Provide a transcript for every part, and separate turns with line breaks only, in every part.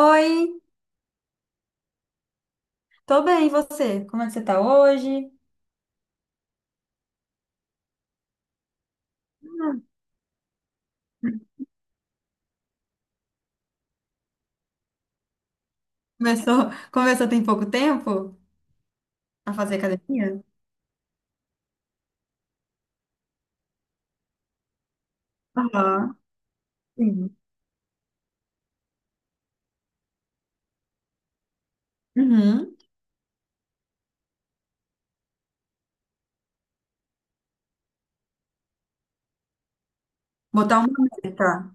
Oi, tô bem, e você? Como é que você tá hoje? Hum. Começou tem pouco tempo a fazer academia? Aham, sim. Uhum. Botar uma meta.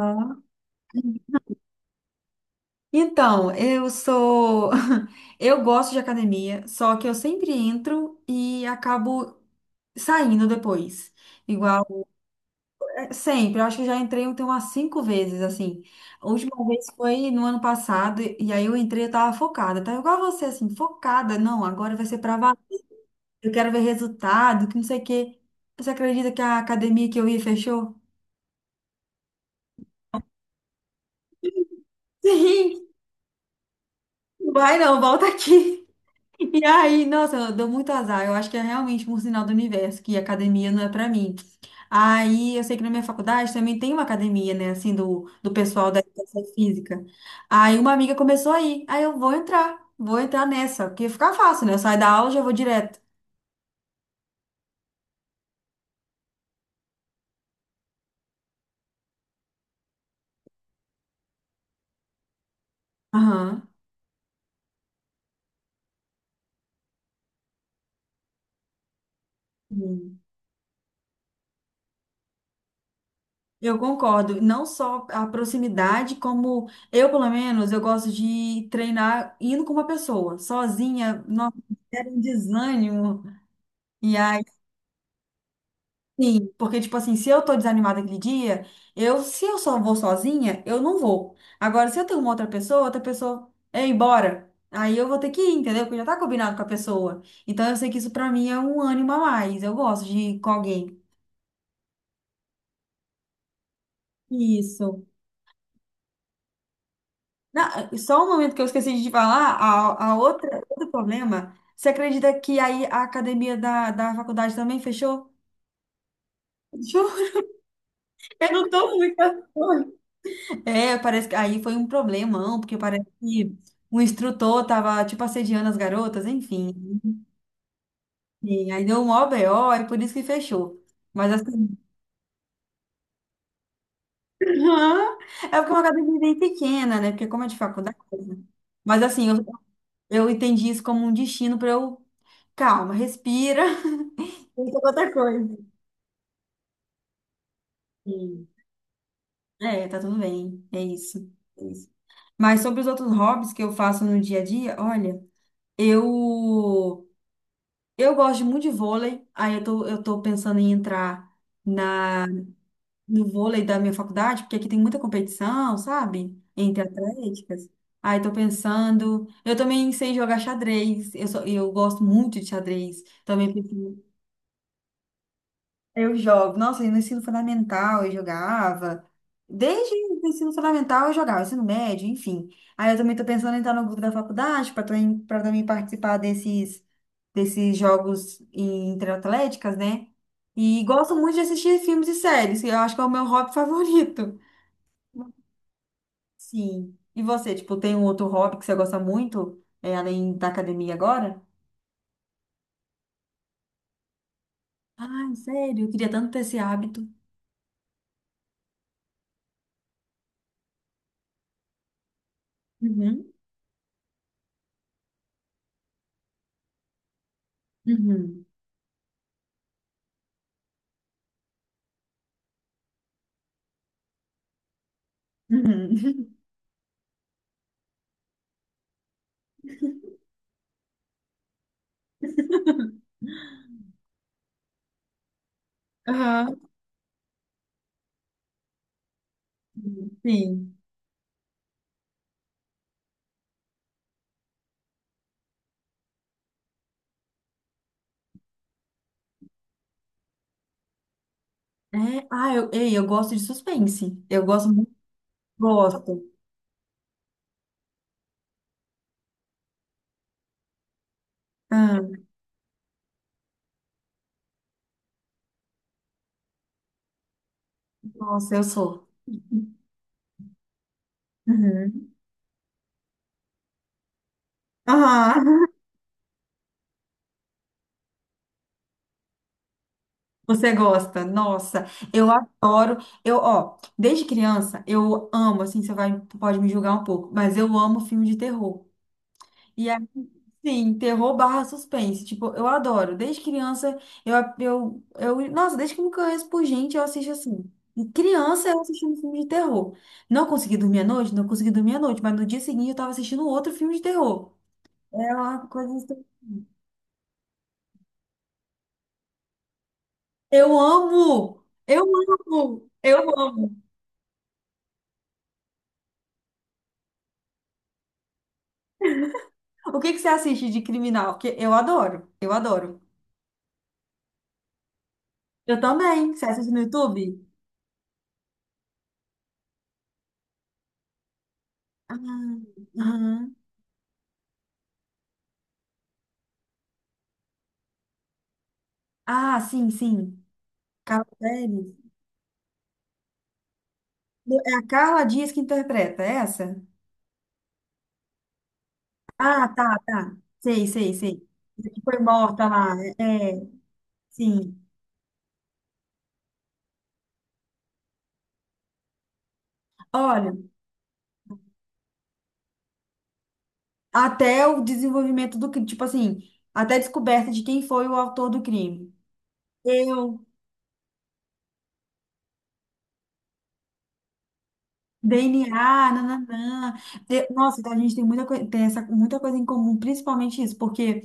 Aham. Então, eu sou. Eu gosto de academia, só que eu sempre entro e acabo saindo depois. Igual. Sempre, eu acho que eu já entrei tem umas cinco vezes, assim. A última vez foi no ano passado, e aí eu entrei, eu tava focada, tá igual você, assim, focada. Não, agora vai ser pra valer, eu quero ver resultado, que não sei o quê. Você acredita que a academia que eu ia fechou? Sim, vai não, volta aqui. E aí, nossa, eu dou muito azar. Eu acho que é realmente um sinal do universo que academia não é pra mim. Aí, eu sei que na minha faculdade também tem uma academia, né, assim, do pessoal da educação física. Aí, uma amiga começou a ir. Aí, vou entrar nessa, porque fica fácil, né? Eu saio da aula e já vou direto. Aham. Sim. Eu concordo. Não só a proximidade, como eu, pelo menos, eu gosto de treinar indo com uma pessoa, sozinha. Nossa, era um desânimo. E aí, sim, porque, tipo assim, se eu tô desanimada aquele dia, eu, se eu só vou sozinha, eu não vou. Agora, se eu tenho uma outra pessoa é embora, aí eu vou ter que ir, entendeu? Porque já tá combinado com a pessoa. Então, eu sei que isso pra mim é um ânimo a mais. Eu gosto de ir com alguém. Isso. Na- só um momento que eu esqueci de te falar, a outra, outro problema, você acredita que aí a academia da faculdade também fechou? Fechou? Eu não tô muito... É, parece que aí foi um problemão, porque parece que o instrutor tava, tipo, assediando as garotas, enfim. E aí deu um maior BO, é por isso que fechou. Mas assim, aham, é porque é uma academia bem pequena, né? Porque como é de faculdade, né? Mas assim, eu entendi isso como um destino para eu, calma, respira, pensa em outra coisa. E, é, tá tudo bem, é isso, é isso. Mas sobre os outros hobbies que eu faço no dia a dia, olha, eu Eu gosto muito de vôlei, aí eu tô pensando em entrar na, no vôlei da minha faculdade, porque aqui tem muita competição, sabe? Entre atléticas. Aí tô pensando. Eu também sei jogar xadrez, eu gosto muito de xadrez. Também pensei eu jogo. Nossa, e no ensino fundamental eu jogava. Desde o ensino fundamental eu jogava, ensino médio, enfim. Aí eu também tô pensando em entrar no grupo da faculdade para também participar desses, desses jogos em- interatléticas, né? E gosto muito de assistir filmes e séries, que eu acho que é o meu hobby favorito. Sim. E você, tipo, tem um outro hobby que você gosta muito, é, além da academia agora? Ai, sério, eu queria tanto ter esse hábito. Uhum, uhum, uhum. Aham. Sim. É, ah, eu gosto de suspense. Eu gosto muito. Gosto. Ah, nossa, eu sou. Uhum. Ah, você gosta? Nossa, eu adoro. Eu, ó, desde criança, eu amo, assim, você vai, pode me julgar um pouco, mas eu amo filme de terror. E aí, sim, terror barra suspense. Tipo, eu adoro. Desde criança, eu, eu. Nossa, desde que eu me conheço por gente, eu assisto assim. E criança, eu assistindo filme de terror. Não consegui dormir à noite? Não consegui dormir à noite, mas no dia seguinte eu tava assistindo outro filme de terror. É uma coisa assim- Eu amo! Eu amo! Eu amo! O que que você assiste de criminal? Porque eu adoro. Eu adoro. Eu também. Você assiste no YouTube? Ah, aham. Ah, sim, sim. Carrossel. É a Carla Dias que interpreta, é essa? Ah, tá, tá. Sei, sei, sei. Que foi morta lá. É, é, sim. Olha, até o desenvolvimento do crime, tipo assim, até a descoberta de quem foi o autor do crime. Eu, DNA, nananã. Eu- nossa, então a gente tem muita coisa, tem essa, muita coisa em comum, principalmente isso, porque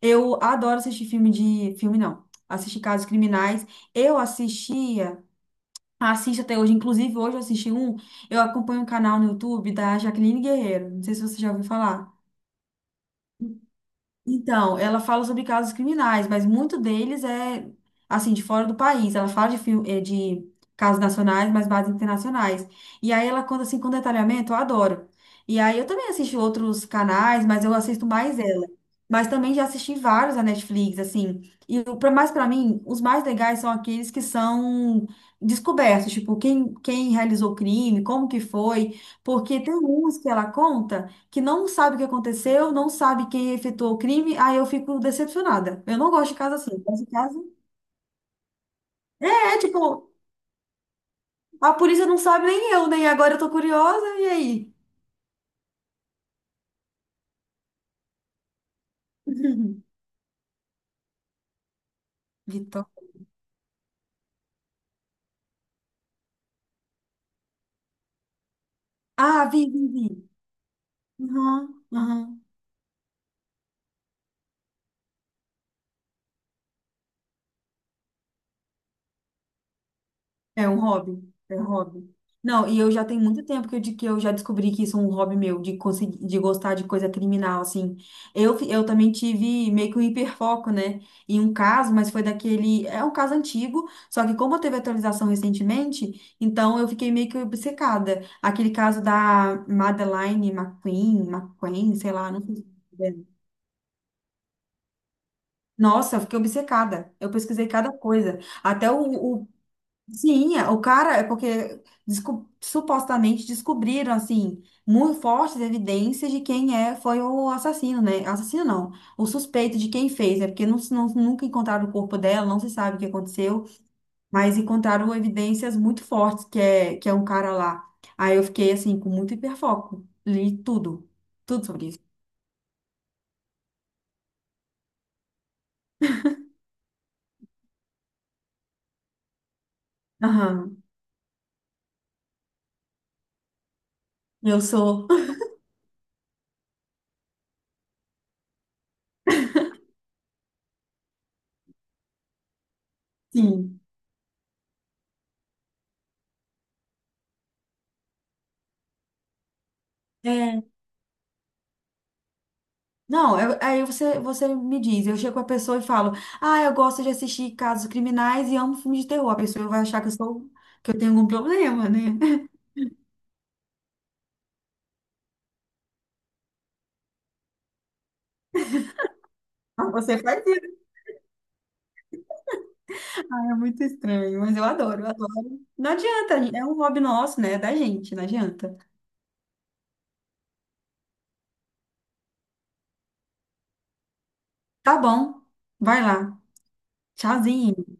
eu adoro assistir filme de, filme não, assistir casos criminais. Eu assistia assisto até hoje. Inclusive, hoje eu assisti um. Eu acompanho um canal no YouTube da Jaqueline Guerreiro. Não sei se você já ouviu falar. Então, ela fala sobre casos criminais, mas muito deles é, assim, de fora do país. Ela fala de, fil- eh, de casos nacionais, mas bases internacionais. E aí ela conta, assim, com detalhamento, eu adoro. E aí eu também assisto outros canais, mas eu assisto mais ela. Mas também já assisti vários da Netflix, assim. E o pra- mas para mim, os mais legais são aqueles que são descobertos, tipo, quem realizou o crime, como que foi. Porque tem uns que ela conta que não sabe o que aconteceu, não sabe quem efetuou o crime, aí eu fico decepcionada. Eu não gosto de casa assim. Eu gosto de casa. É, tipo, a polícia não sabe nem eu, nem agora eu tô curiosa, e aí? Vitor. Ah, vi, vi, vi. Aham, aham. É um hobby, é um hobby. Não, e eu já tenho muito tempo que eu, de- que eu já descobri que isso é um hobby meu, de conseguir, de gostar de coisa criminal, assim. Eu, fi- eu também tive meio que um hiperfoco, né, em um caso, mas foi daquele, é um caso antigo, só que como teve atualização recentemente, então eu fiquei meio que obcecada. Aquele caso da Madeleine sei lá, não sei. Nossa, eu fiquei obcecada. Eu pesquisei cada coisa. Até o, sim, é, o cara é porque desco- supostamente descobriram assim muito fortes evidências de quem é foi o assassino, né? Assassino não, o suspeito de quem fez, né? Porque não, se- não- nunca encontraram o corpo dela, não se sabe o que aconteceu, mas encontraram evidências muito fortes que é um cara lá. Aí eu fiquei assim com muito hiperfoco, li tudo, tudo sobre isso. Aham, eu sou, sim. É não, eu- aí você me diz, eu chego com a pessoa e falo, ah, eu gosto de assistir casos criminais e amo filmes de terror. A pessoa vai achar que eu sou, que eu tenho algum problema, né? Você faz isso, ah, é muito estranho, mas eu adoro, eu adoro. Não adianta, é um hobby nosso, né? É da gente, não adianta. Tá bom, vai lá. Tchauzinho.